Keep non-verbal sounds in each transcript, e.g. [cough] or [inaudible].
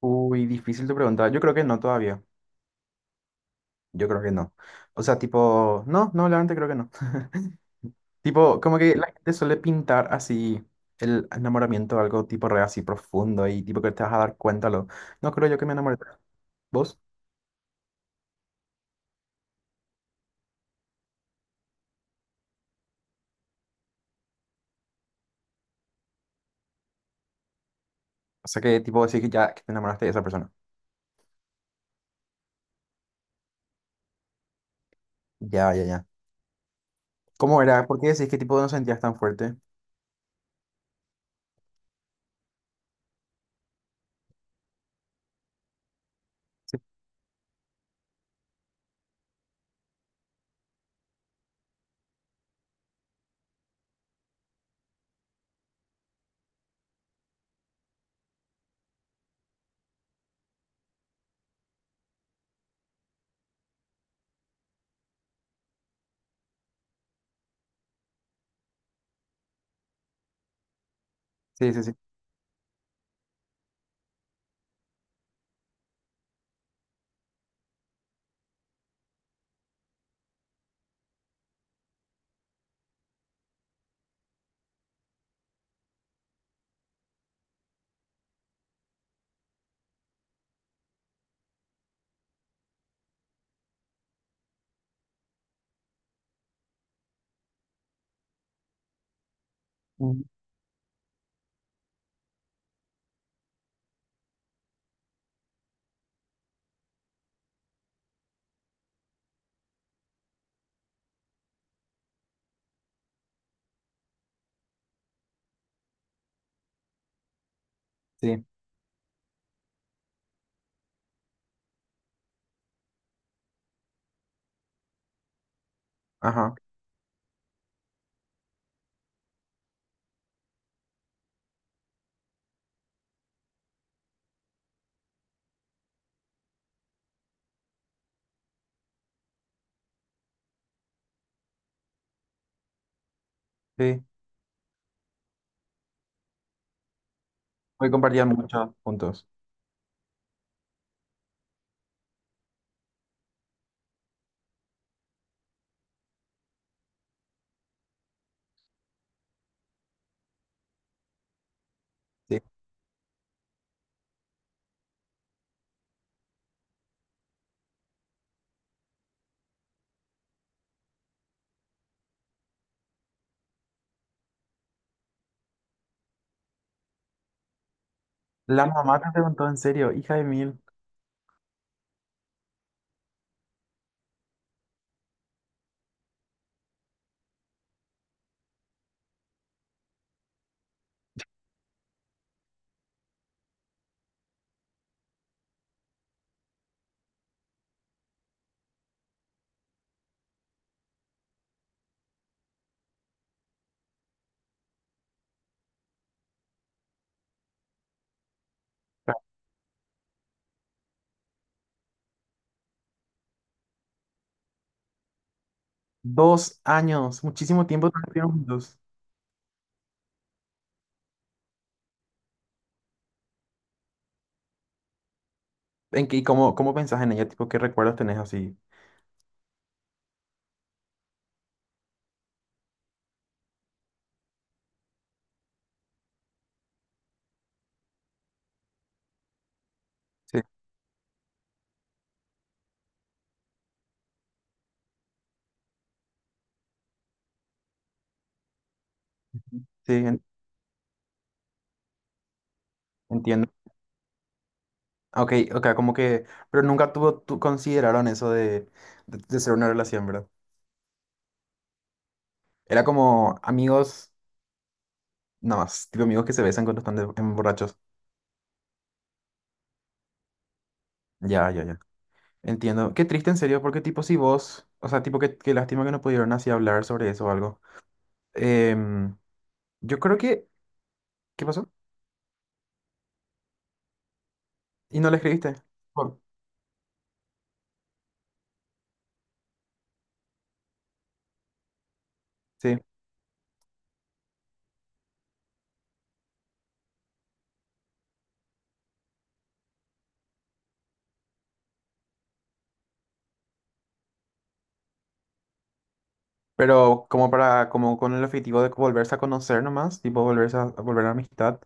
Uy, difícil tu pregunta. Yo creo que no todavía. Yo creo que no. O sea, tipo, no, no, la creo que no. [laughs] Tipo, como que la gente suele pintar así el enamoramiento, algo tipo re así profundo y tipo que te vas a dar cuenta. No creo yo que me enamoré. ¿Vos? O sea, que tipo decís que ya que te enamoraste de esa persona. Ya, ya, ya. ¿Cómo era? ¿Por qué decís que tipo no sentías tan fuerte? Sí, sí, sí. Sí. Ujú. Sí, ajá. Sí. Hoy compartían muchos puntos. Sí. La mamá te preguntó en serio, hija de mil. 2 años, muchísimo tiempo estuvieron juntos. ¿En qué, y cómo pensás en ella? Tipo, ¿qué recuerdos tenés así? Sí, sí, entiendo. Ok, ok, como que, pero nunca tuvo, consideraron eso de ser una relación, ¿verdad? Era como amigos, nada más, tipo amigos que se besan cuando están en borrachos. Ya, ya, ya. Entiendo. Qué triste, en serio, porque tipo si vos, o sea, tipo, qué lástima que no pudieron así hablar sobre eso o algo. Em, yo creo que, ¿qué pasó? ¿Y no le escribiste? Oh, sí. Pero como para, como con el objetivo de volverse a conocer nomás, tipo volver a amistad,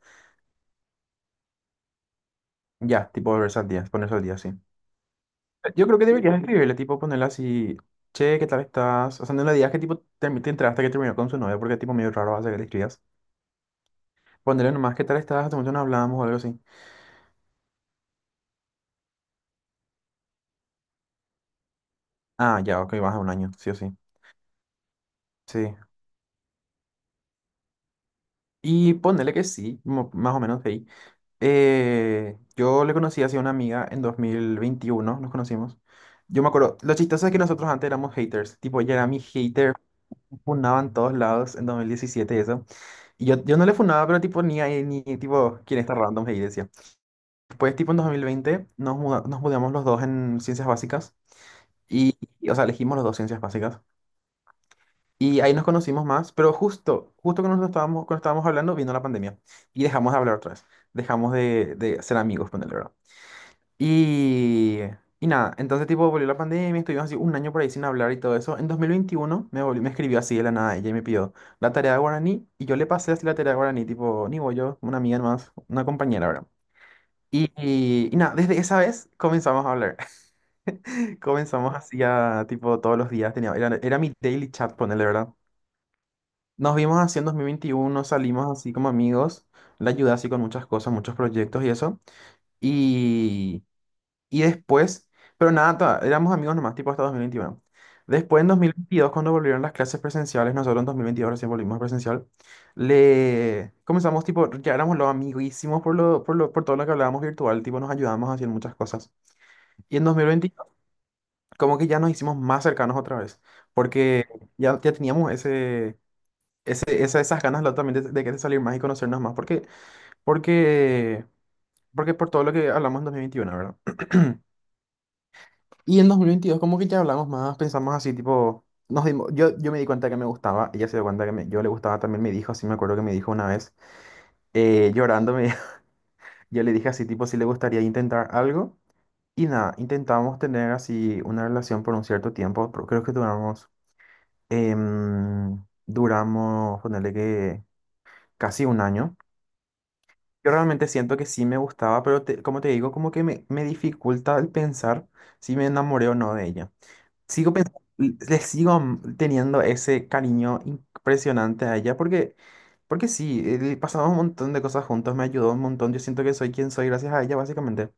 ya, tipo ponerse al día sí. Yo creo que deberías escribirle, tipo ponerle así, che, ¿qué tal estás? O sea, no le digas que tipo te enteraste que terminó con su novia, porque tipo medio raro hace que le escribas. Ponerle nomás, ¿qué tal estás? Hace mucho no hablábamos o algo así. Ah, ya, ok, vas a un año, sí o sí. Sí. Y ponerle que sí, más o menos ahí. Yo le conocí hacia una amiga en 2021 nos conocimos. Yo me acuerdo, lo chistoso es que nosotros antes éramos haters, tipo, ella era mi hater, me funaba en todos lados en 2017 y eso. Y yo no le funaba, pero tipo, ni ahí, ni tipo, quién está random, hey, decía. Después, tipo, en 2020 nos mudamos los dos en ciencias básicas, y, o sea, elegimos los dos ciencias básicas. Y ahí nos conocimos más, pero justo, justo cuando estábamos hablando, vino la pandemia, y dejamos de hablar otra vez, dejamos de ser amigos, ponele. Y, y nada, entonces tipo volvió la pandemia, estuvimos así un año por ahí sin hablar y todo eso. En 2021 me escribió así de la nada ella y me pidió la tarea de guaraní y yo le pasé así la tarea de guaraní, tipo, ni voy yo, una amiga más, una compañera, ¿verdad? Y nada, desde esa vez comenzamos a hablar. [laughs] Comenzamos así a, tipo, todos los días, era mi daily chat, ponele, ¿verdad? Nos vimos así en 2021 salimos así como amigos, la ayudé así con muchas cosas, muchos proyectos y eso. Y después, pero nada, éramos amigos nomás, tipo hasta 2021. Después, en 2022 cuando volvieron las clases presenciales, nosotros en 2022 recién volvimos presencial, le comenzamos, tipo, ya éramos los amiguísimos por todo lo que hablábamos virtual, tipo, nos ayudábamos a hacer muchas cosas. Y en 2022 como que ya nos hicimos más cercanos otra vez, porque ya teníamos ese, esas ganas también de salir más y conocernos más, porque, porque por todo lo que hablamos en 2021, ¿verdad? Y en 2022, como que ya hablamos más, pensamos así, tipo, yo me di cuenta que me gustaba, ella se dio cuenta que yo le gustaba, también me dijo, así me acuerdo que me dijo una vez, llorando, [laughs] yo le dije así, tipo, si le gustaría intentar algo. Y nada, intentamos tener así una relación por un cierto tiempo, pero creo que duramos, ponerle que casi un año. Yo realmente siento que sí me gustaba, pero como te digo, como que me dificulta el pensar si me enamoré o no de ella. Sigo pensando, le sigo teniendo ese cariño impresionante a ella porque sí, pasamos un montón de cosas juntos, me ayudó un montón, yo siento que soy quien soy gracias a ella, básicamente.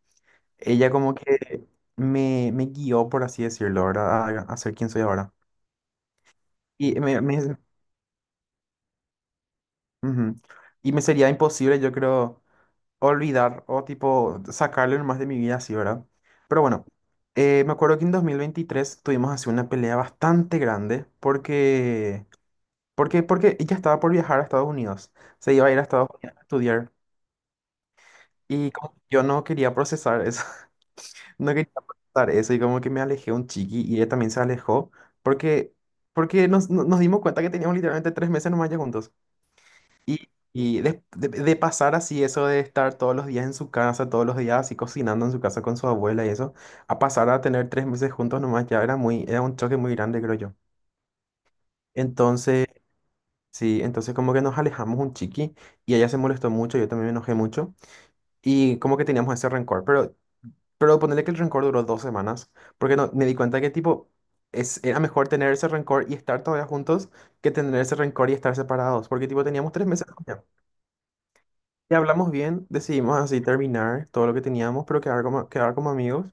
Ella como que me guió, por así decirlo, ¿verdad? A ser quien soy ahora. Y me, me- ujú. Y me sería imposible, yo creo, olvidar o tipo sacarle más de mi vida así, ¿verdad? Pero bueno, me acuerdo que en 2023 tuvimos así una pelea bastante grande. Porque ella estaba por viajar a Estados Unidos. Se iba a ir a Estados Unidos a estudiar. Y como yo no quería procesar eso. [laughs] No quería procesar eso. Y como que me alejé un chiqui. Y ella también se alejó. Porque, porque nos, no- nos dimos cuenta que teníamos literalmente 3 meses nomás ya juntos. Y de pasar así, eso de estar todos los días en su casa, todos los días así cocinando en su casa con su abuela y eso, a pasar a tener 3 meses juntos nomás ya era un choque muy grande, creo yo. Entonces. Sí, entonces como que nos alejamos un chiqui y ella se molestó mucho, yo también me enojé mucho y como que teníamos ese rencor, pero ponerle que el rencor duró 2 semanas porque no, me di cuenta que tipo era mejor tener ese rencor y estar todavía juntos que tener ese rencor y estar separados, porque tipo teníamos 3 meses de novia. Y hablamos bien, decidimos así terminar todo lo que teníamos, pero quedar como amigos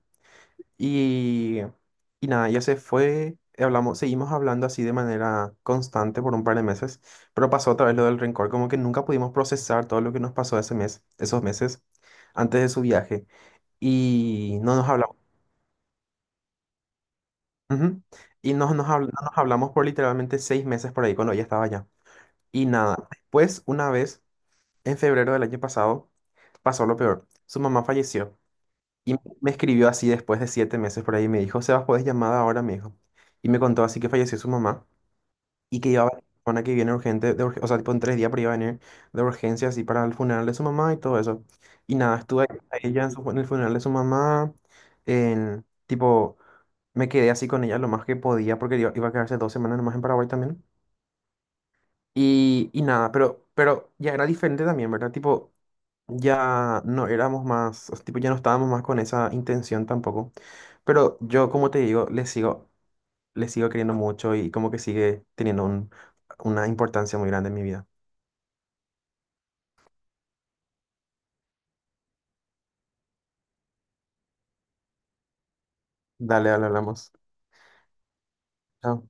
y, y nada, ya se fue, hablamos, seguimos hablando así de manera constante por un par de meses, pero pasó otra vez lo del rencor, como que nunca pudimos procesar todo lo que nos pasó ese mes, esos meses antes de su viaje. Y no nos hablamos. Ujú. Y no nos hablamos por literalmente 6 meses por ahí cuando ella estaba allá. Y nada, después, una vez, en febrero del año pasado, pasó lo peor. Su mamá falleció. Y me escribió así después de 7 meses por ahí, me dijo, Sebas, ¿puedes llamada ahora? Me dijo. Y me contó así que falleció su mamá y que iba a venir la semana que viene urgente, o sea, tipo en 3 días, pero iba a venir de urgencia así para el funeral de su mamá y todo eso. Y nada, estuve ahí a ella en el funeral de su mamá, en, tipo, me quedé así con ella lo más que podía porque iba a quedarse 2 semanas nomás en Paraguay también. Y nada, pero ya era diferente también, ¿verdad? Tipo, ya no éramos más, o sea, tipo, ya no estábamos más con esa intención tampoco. Pero yo, como te digo, le sigo queriendo mucho y como que sigue teniendo una importancia muy grande en mi vida. Dale, dale, hablamos. Chao.